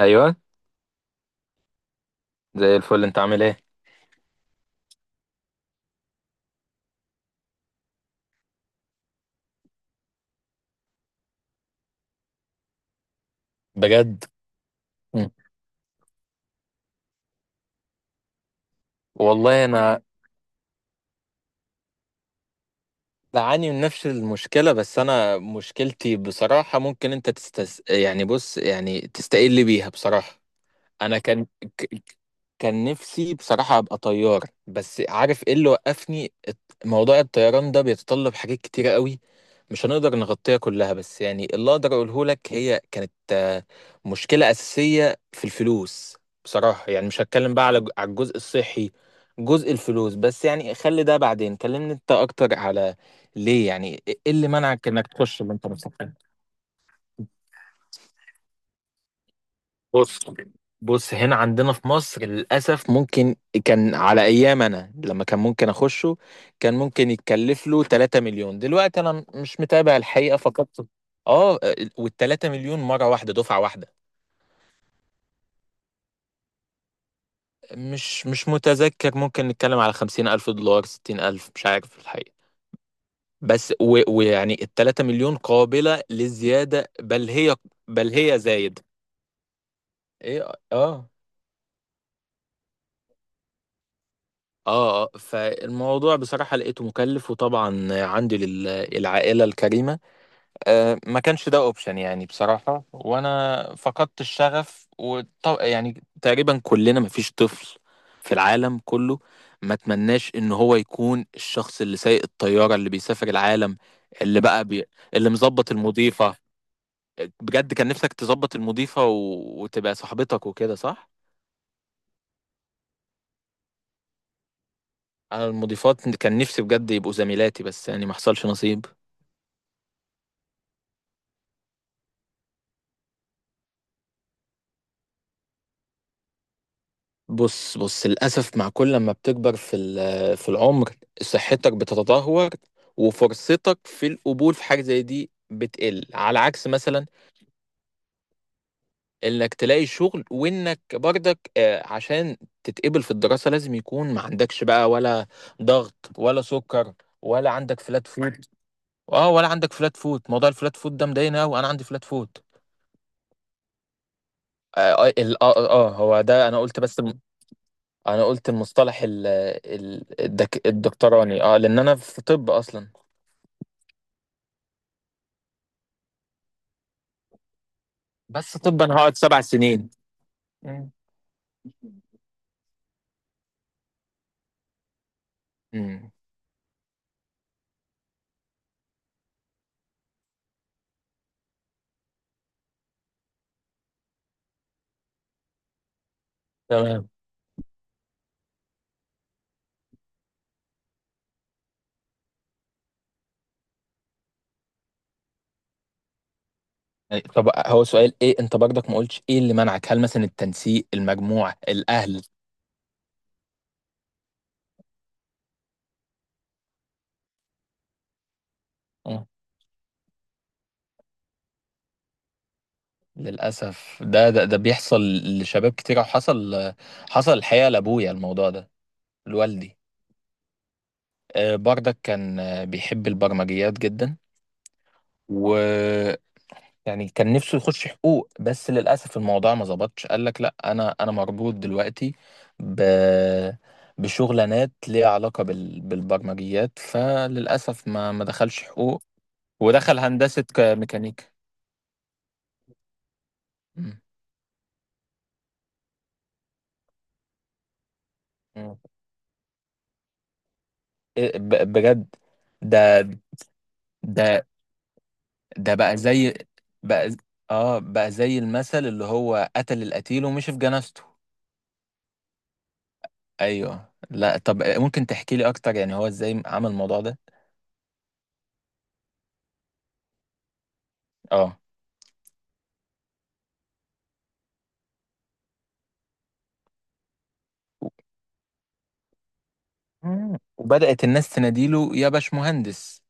ايوه، زي الفل، انت عامل ايه؟ بجد. مم. والله انا بعاني من نفس المشكله، بس انا مشكلتي بصراحه، ممكن انت يعني بص، يعني تستقل بيها بصراحه. انا ك... كان نفسي بصراحه ابقى طيار، بس عارف ايه اللي وقفني؟ موضوع الطيران ده بيتطلب حاجات كتيره قوي، مش هنقدر نغطيها كلها، بس يعني اللي اقدر اقوله لك هي كانت مشكلة أساسية في الفلوس. بصراحة يعني مش هتكلم بقى على الجزء الصحي، جزء الفلوس بس. يعني خلي ده بعدين، كلمني انت اكتر على ليه، يعني ايه اللي منعك انك تخش اللي انت نفسك؟ بص بص، هنا عندنا في مصر للأسف ممكن، كان على أيام أنا لما كان ممكن أخشه، كان ممكن يتكلف له 3 مليون. دلوقتي أنا مش متابع الحقيقة فقط. اه. وال 3 مليون مرة واحدة، دفعة واحدة. مش متذكر، ممكن نتكلم على 50 ألف دولار، 60 ألف، مش عارف الحقيقة. بس ويعني ال 3 مليون قابلة للزيادة، بل هي، بل هي زايد. ايه اه. اه، فالموضوع بصراحة لقيته مكلف، وطبعا عندي للعائلة الكريمة، ما كانش ده اوبشن يعني بصراحة، وانا فقدت الشغف يعني تقريبا كلنا، مفيش طفل في العالم كله ما تمناش ان هو يكون الشخص اللي سايق الطيارة، اللي بيسافر العالم، اللي بقى بي... اللي مظبط المضيفة. بجد كان نفسك تظبط المضيفة وتبقى صاحبتك وكده، صح؟ انا المضيفات كان نفسي بجد يبقوا زميلاتي، بس يعني ما حصلش نصيب. بص، للأسف مع كل ما بتكبر في في العمر، صحتك بتتدهور، وفرصتك في القبول في حاجة زي دي بتقل. على عكس مثلا انك تلاقي شغل، وانك برضك عشان تتقبل في الدراسة لازم يكون ما عندكش بقى ولا ضغط ولا سكر، ولا عندك فلات فوت. اه، ولا عندك فلات فوت، موضوع الفلات فوت ده مضايقني قوي، انا عندي فلات فوت. اه. هو ده انا قلت، بس انا قلت المصطلح الدكتوراني، اه، لان انا في طب اصلا. بس طب انا هقعد 7 سنين. مم. مم. تمام. يعني طب هو سؤال، ايه انت برضك ما قلتش ايه اللي منعك؟ هل مثلا التنسيق، المجموع، الاهل؟ آه، للاسف ده بيحصل لشباب كتير، وحصل، حصل الحقيقه لابويا الموضوع ده، لوالدي. برضك كان بيحب البرمجيات جدا، يعني كان نفسه يخش حقوق، بس للأسف الموضوع ما ظبطش، قال لك لا، أنا مربوط دلوقتي ب، بشغلانات ليها علاقة بالبرمجيات، فللأسف ما دخلش حقوق. ودخل هندسة ميكانيكا. مم. مم. إيه بجد؟ ده ده ده بقى زي، بقى ز- اه، بقى زي المثل اللي هو قتل القتيل ومشي في جنازته. ايوه، لا طب ممكن تحكي لي اكتر، يعني هو ازاي عمل الموضوع ده؟ اه. وبدأت الناس تناديله يا باشمهندس.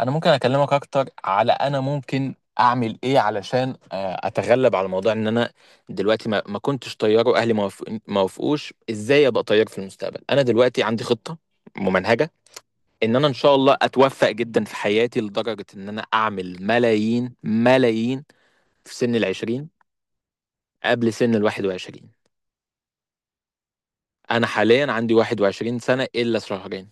انا ممكن اكلمك اكتر على، انا ممكن اعمل ايه علشان اتغلب على موضوع ان انا دلوقتي ما كنتش طيار، واهلي ما وافقوش. ازاي ابقى طيار في المستقبل؟ انا دلوقتي عندي خطة ممنهجة ان انا ان شاء الله اتوفق جدا في حياتي، لدرجة ان انا اعمل ملايين ملايين في سن 20. قبل سن 21. انا حاليا عندي 21 سنة الا شهرين.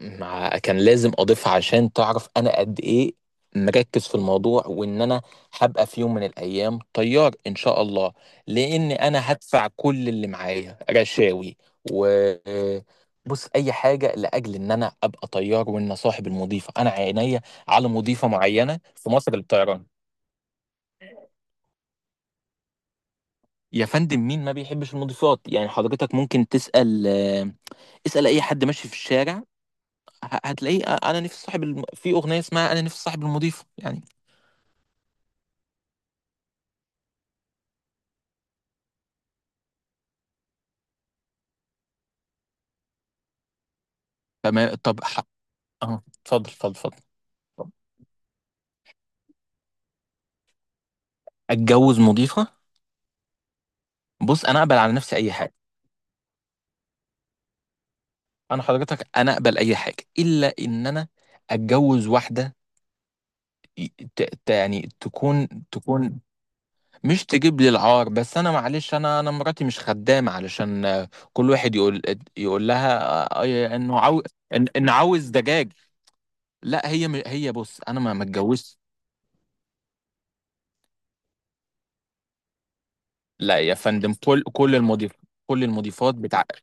مع كان لازم اضيفها عشان تعرف انا قد ايه مركز في الموضوع، وان انا هبقى في يوم من الايام طيار ان شاء الله. لان انا هدفع كل اللي معايا رشاوي، و، بص اي حاجه لاجل ان انا ابقى طيار. وان صاحب المضيفه، انا عينيا على مضيفه معينه في مصر للطيران. يا فندم مين ما بيحبش المضيفات يعني؟ حضرتك ممكن تسال، اسال اي حد ماشي في الشارع، هتلاقيه انا نفسي صاحب في اغنيه اسمها انا نفسي صاحب المضيفه يعني. تمام، طب اه، اتفضل اتفضل اتفضل. اتجوز مضيفه؟ بص، انا اقبل على نفسي اي حاجه. انا حضرتك، انا اقبل اي حاجه الا ان انا اتجوز واحده ي- يعني تكون، تكون، مش تجيب لي العار. بس انا معلش، انا مراتي مش خدامه علشان كل واحد يقول، يقول لها انه عاوز انه عاوز دجاج. لا، هي هي بص، انا ما اتجوزتش. لا يا فندم، كل المضيفات بتعقل.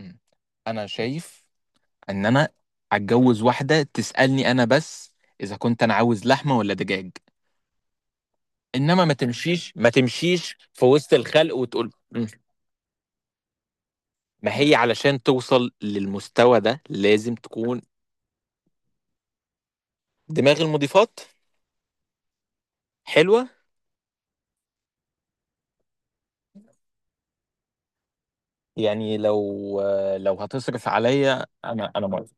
مم. انا شايف ان انا هتجوز واحده تسالني انا بس اذا كنت انا عاوز لحمه ولا دجاج، انما ما تمشيش، ما تمشيش في وسط الخلق وتقول ما هي علشان توصل للمستوى ده لازم تكون دماغ المضيفات حلوه. يعني لو، لو هتصرف عليا انا، انا موافق.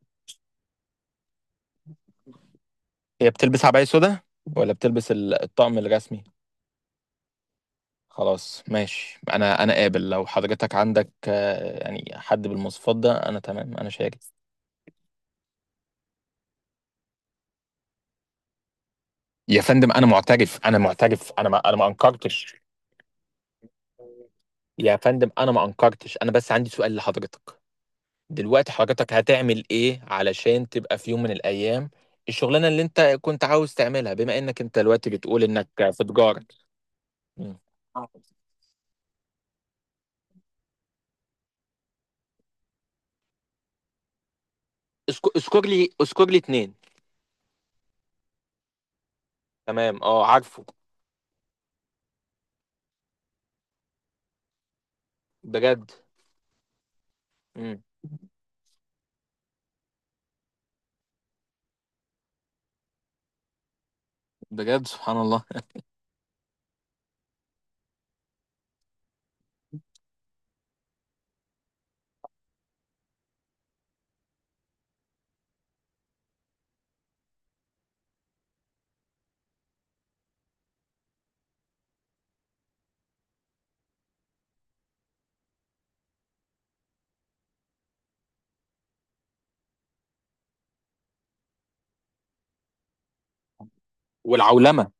هي بتلبس عباية سودا، ولا بتلبس الطقم الرسمي؟ خلاص، ماشي، انا قابل. لو حضرتك عندك يعني حد بالمواصفات ده انا تمام، انا شاكر. يا فندم، انا معترف، انا معترف، انا ما انكرتش. يا فندم، انا ما انكرتش، انا بس عندي سؤال لحضرتك. دلوقتي حضرتك هتعمل ايه علشان تبقى في يوم من الايام الشغلانه اللي انت كنت عاوز تعملها، بما انك انت دلوقتي بتقول انك في تجاره؟ مم. اذكر لي، اذكر لي اتنين. تمام، اه، عارفه. بجد. مم. بجد سبحان الله. والعولمه،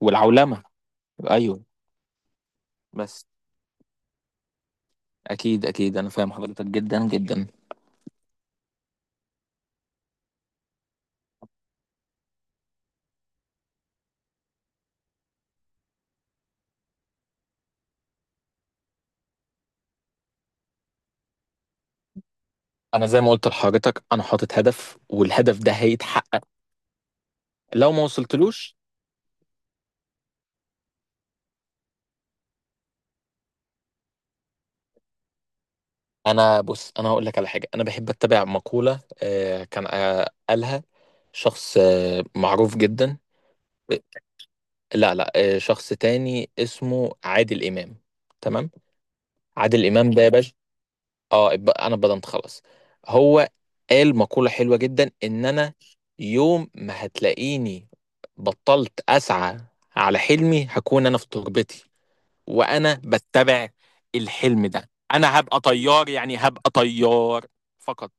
والعولمة. ايوه بس. اكيد اكيد، انا فاهم حضرتك جدا جدا. انا زي ما قلت لحضرتك، انا حاطط هدف، والهدف ده هيتحقق. لو ما وصلتلوش، انا، بص انا هقول لك على حاجة. انا بحب اتبع مقولة كان قالها شخص معروف جدا. لا لا آه، شخص تاني اسمه عادل امام. تمام. عادل امام ده يا باشا. اه، انا اتبضمت خلاص. هو قال مقولة حلوة جدا، ان انا يوم ما هتلاقيني بطلت اسعى على حلمي، هكون انا في تربتي. وانا بتبع الحلم ده، انا هبقى طيار. يعني هبقى طيار فقط.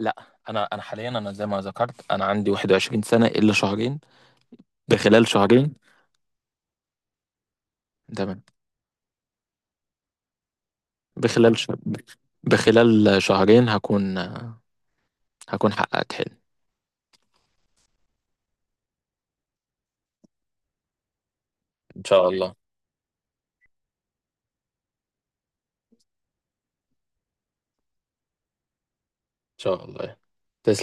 لا، انا انا حاليا، انا زي ما ذكرت، انا عندي 21 سنة الا شهرين. بخلال شهرين. تمام. بخلال ش... بخلال شهرين هكون، هكون حققت حلم. ان شاء الله. ان شاء الله. تسلم.